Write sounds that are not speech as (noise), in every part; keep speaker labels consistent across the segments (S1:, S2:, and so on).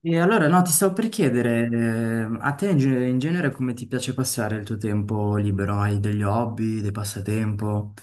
S1: E allora no, ti stavo per chiedere, a te in genere come ti piace passare il tuo tempo libero? Hai degli hobby, dei passatempo?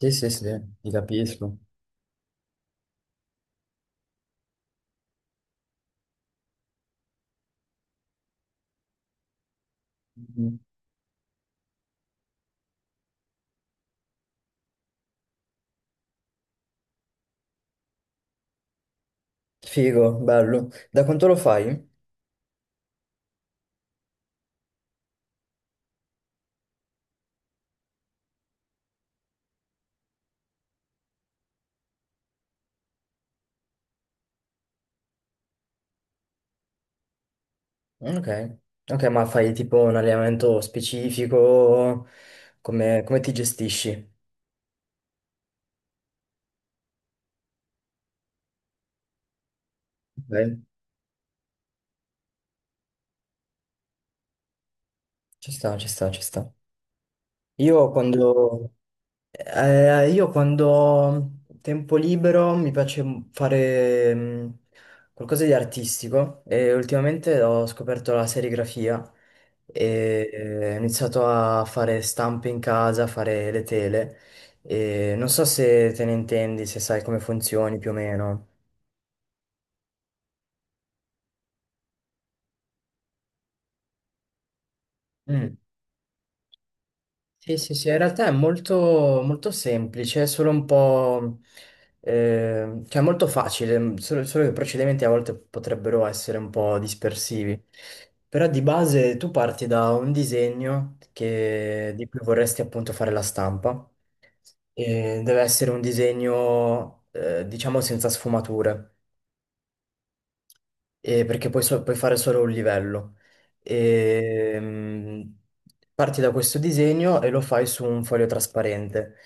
S1: Sì, sì, sì, ti capisco. Mhm. Figo, bello. Da quanto lo fai? Mm, ok. Ok, ma fai tipo un allenamento specifico? Come ti gestisci? Ok, ci sta, ci sta, ci sta. Io Eh, quando, io quando ho tempo libero mi piace fare qualcosa di artistico e ultimamente ho scoperto la serigrafia e ho iniziato a fare stampe in casa, a fare le tele e non so se te ne intendi, se sai come funzioni più o meno. Sì, sì, sì, in realtà è molto, molto semplice, è solo un po', cioè molto facile, solo che i procedimenti a volte potrebbero essere un po' dispersivi. Però di base tu parti da un disegno di cui vorresti appunto fare la stampa e deve essere un disegno, diciamo, senza sfumature, perché puoi fare solo un livello. E, parti da questo disegno e lo fai su un foglio trasparente.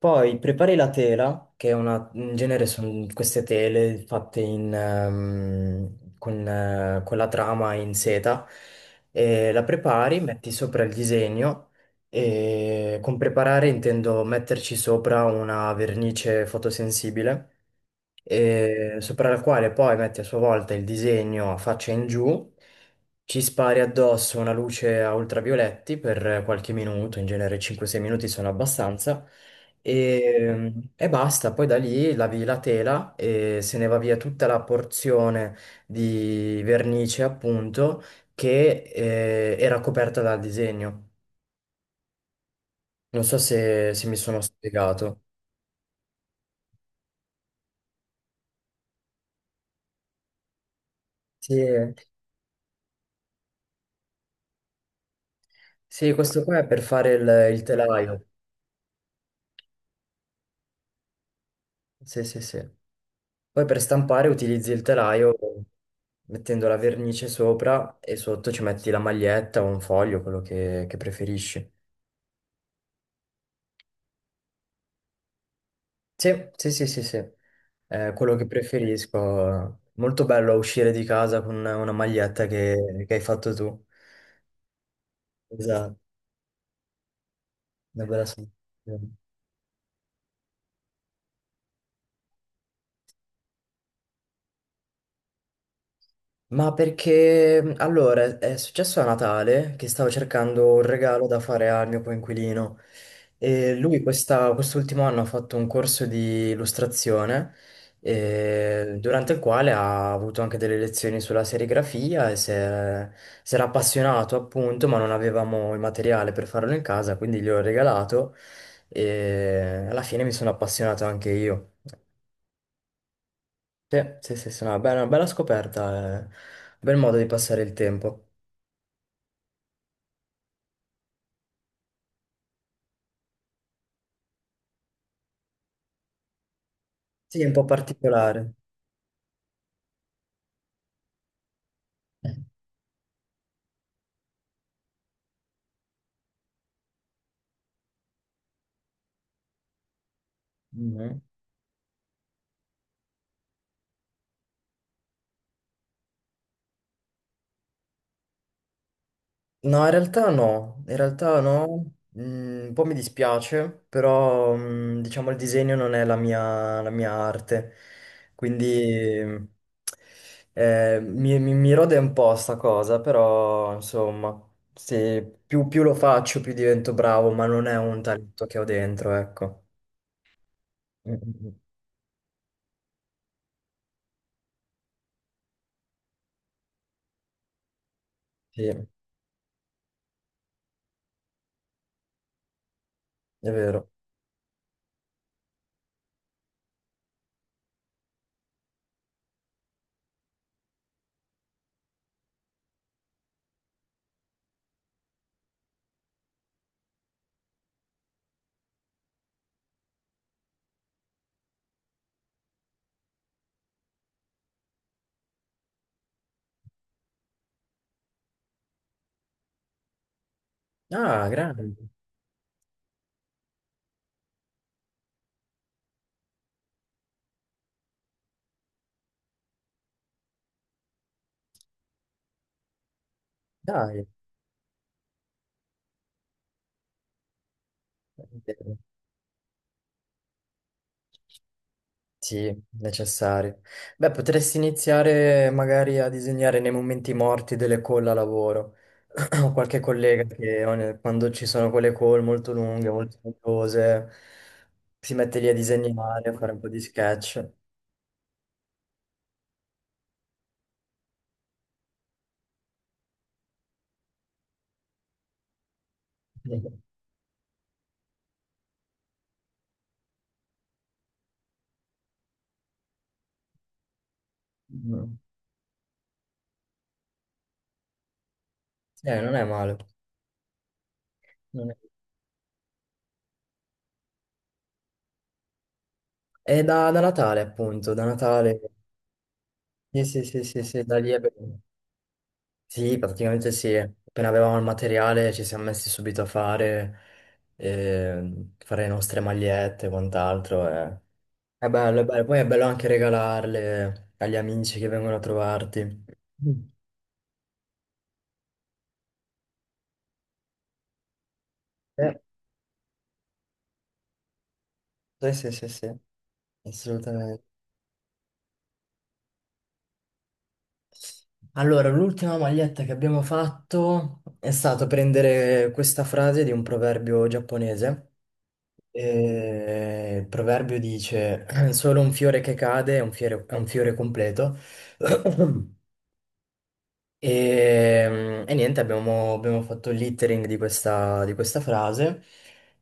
S1: Poi prepari la tela, che è una, in genere sono queste tele fatte con la trama in seta, e la prepari, metti sopra il disegno e con preparare intendo metterci sopra una vernice fotosensibile, e sopra la quale poi metti a sua volta il disegno a faccia in giù, ci spari addosso una luce a ultravioletti per qualche minuto, in genere 5-6 minuti sono abbastanza, e basta. Poi da lì lavi la tela e se ne va via tutta la porzione di vernice, appunto, che era coperta dal disegno. Non so se mi sono spiegato. Sì, sì, questo qua è per fare il telaio. Sì, sì, sì. Poi per stampare utilizzi il telaio mettendo la vernice sopra e sotto ci metti la maglietta o un foglio, quello che preferisci. Sì, sì, sì, sì, sì. È quello che preferisco. Molto bello uscire di casa con una maglietta che hai fatto tu. Esatto, una bella sensazione. Ma perché allora è successo a Natale che stavo cercando un regalo da fare al mio coinquilino e lui quest'ultimo anno ha fatto un corso di illustrazione durante il quale ha avuto anche delle lezioni sulla serigrafia e si era appassionato appunto, ma non avevamo il materiale per farlo in casa, quindi gliel'ho regalato e alla fine mi sono appassionato anche io. Sì, sì, sì, sì, no, beh, una bella scoperta, eh. Un bel modo di passare il tempo. Sì, è un po' particolare. Mhm. No, in realtà no, in realtà no, un po' mi dispiace, però diciamo il disegno non è la mia arte, quindi mi rode un po' sta cosa, però insomma, se più lo faccio più divento bravo, ma non è un talento che ho dentro, ecco. Mm, mm, mm. Sì, è vero. Ah, grande, dai, sì, necessario. Beh, potresti iniziare magari a disegnare nei momenti morti delle call a lavoro. (clears throat) Ho qualche collega che quando ci sono quelle call molto lunghe, molto noiose, si mette lì a disegnare, a fare un po' di sketch. (laughs) Mm. Non è male. Non è- È da Natale, appunto, da Natale. Sì, sì, sì, sì, sì, da lì è bello. Sì, praticamente sì. Appena avevamo il materiale ci siamo messi subito a fare le nostre magliette e quant'altro. Eh. È bello, è bello. Poi è bello anche regalarle agli amici che vengono a trovarti. Mm. Eh, sì, sì, sì, sì, assolutamente. Allora, l'ultima maglietta che abbiamo fatto è stato prendere questa frase di un proverbio giapponese. Il proverbio dice: (clears throat) Solo un fiore che cade è un fiore completo. (clears throat) E, e niente, abbiamo fatto il lettering di questa, frase.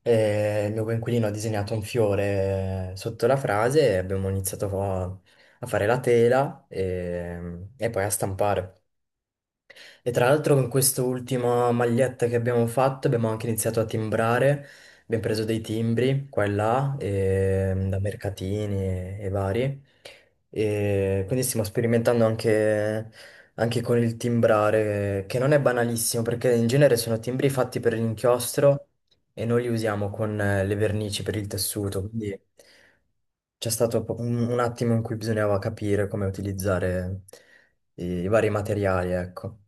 S1: E il mio coinquilino ha disegnato un fiore sotto la frase e abbiamo iniziato a fare la tela e poi a stampare. E tra l'altro con quest'ultima maglietta che abbiamo fatto abbiamo anche iniziato a timbrare, abbiamo preso dei timbri qua e là, da mercatini e vari, e quindi stiamo sperimentando anche con il timbrare, che non è banalissimo perché in genere sono timbri fatti per l'inchiostro e noi li usiamo con le vernici per il tessuto, quindi c'è stato un attimo in cui bisognava capire come utilizzare i vari materiali, ecco.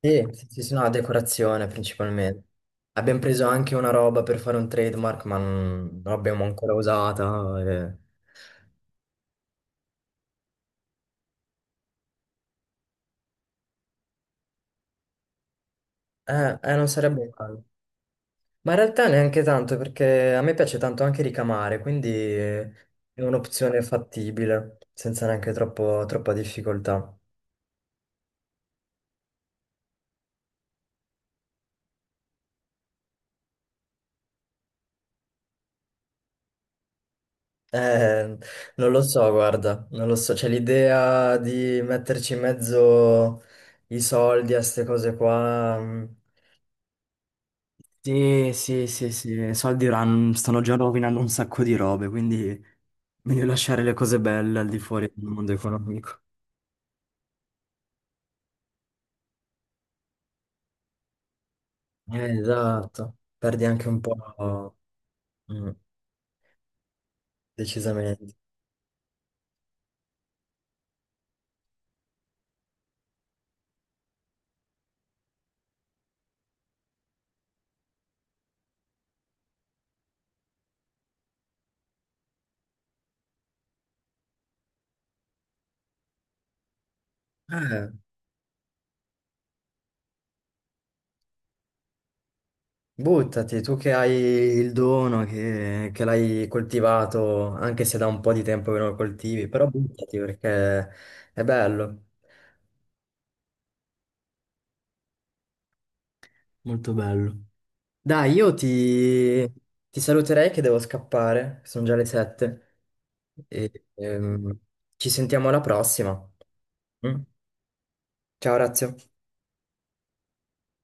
S1: Sì, sì, sì, sì, no, decorazione principalmente. Abbiamo preso anche una roba per fare un trademark, ma non l'abbiamo ancora usata. Non sarebbe male. Ma in realtà neanche tanto, perché a me piace tanto anche ricamare, quindi è un'opzione fattibile, senza neanche troppa difficoltà. Eh, non lo so, guarda, non lo so. C'è l'idea di metterci in mezzo i soldi a queste cose qua. Mm. Sì, sì, sì, sì, soldi stanno già rovinando un sacco di robe, quindi meglio lasciare le cose belle al di fuori del mondo economico. Esatto, perdi anche un po', mm, decisamente. Eh, Buttati, tu che hai il dono, che l'hai coltivato, anche se da un po' di tempo che non lo coltivi, però buttati perché è bello, molto bello. Dai, io ti saluterei che devo scappare, sono già le sette. E, ci sentiamo alla prossima. Mm? Ciao, Razio.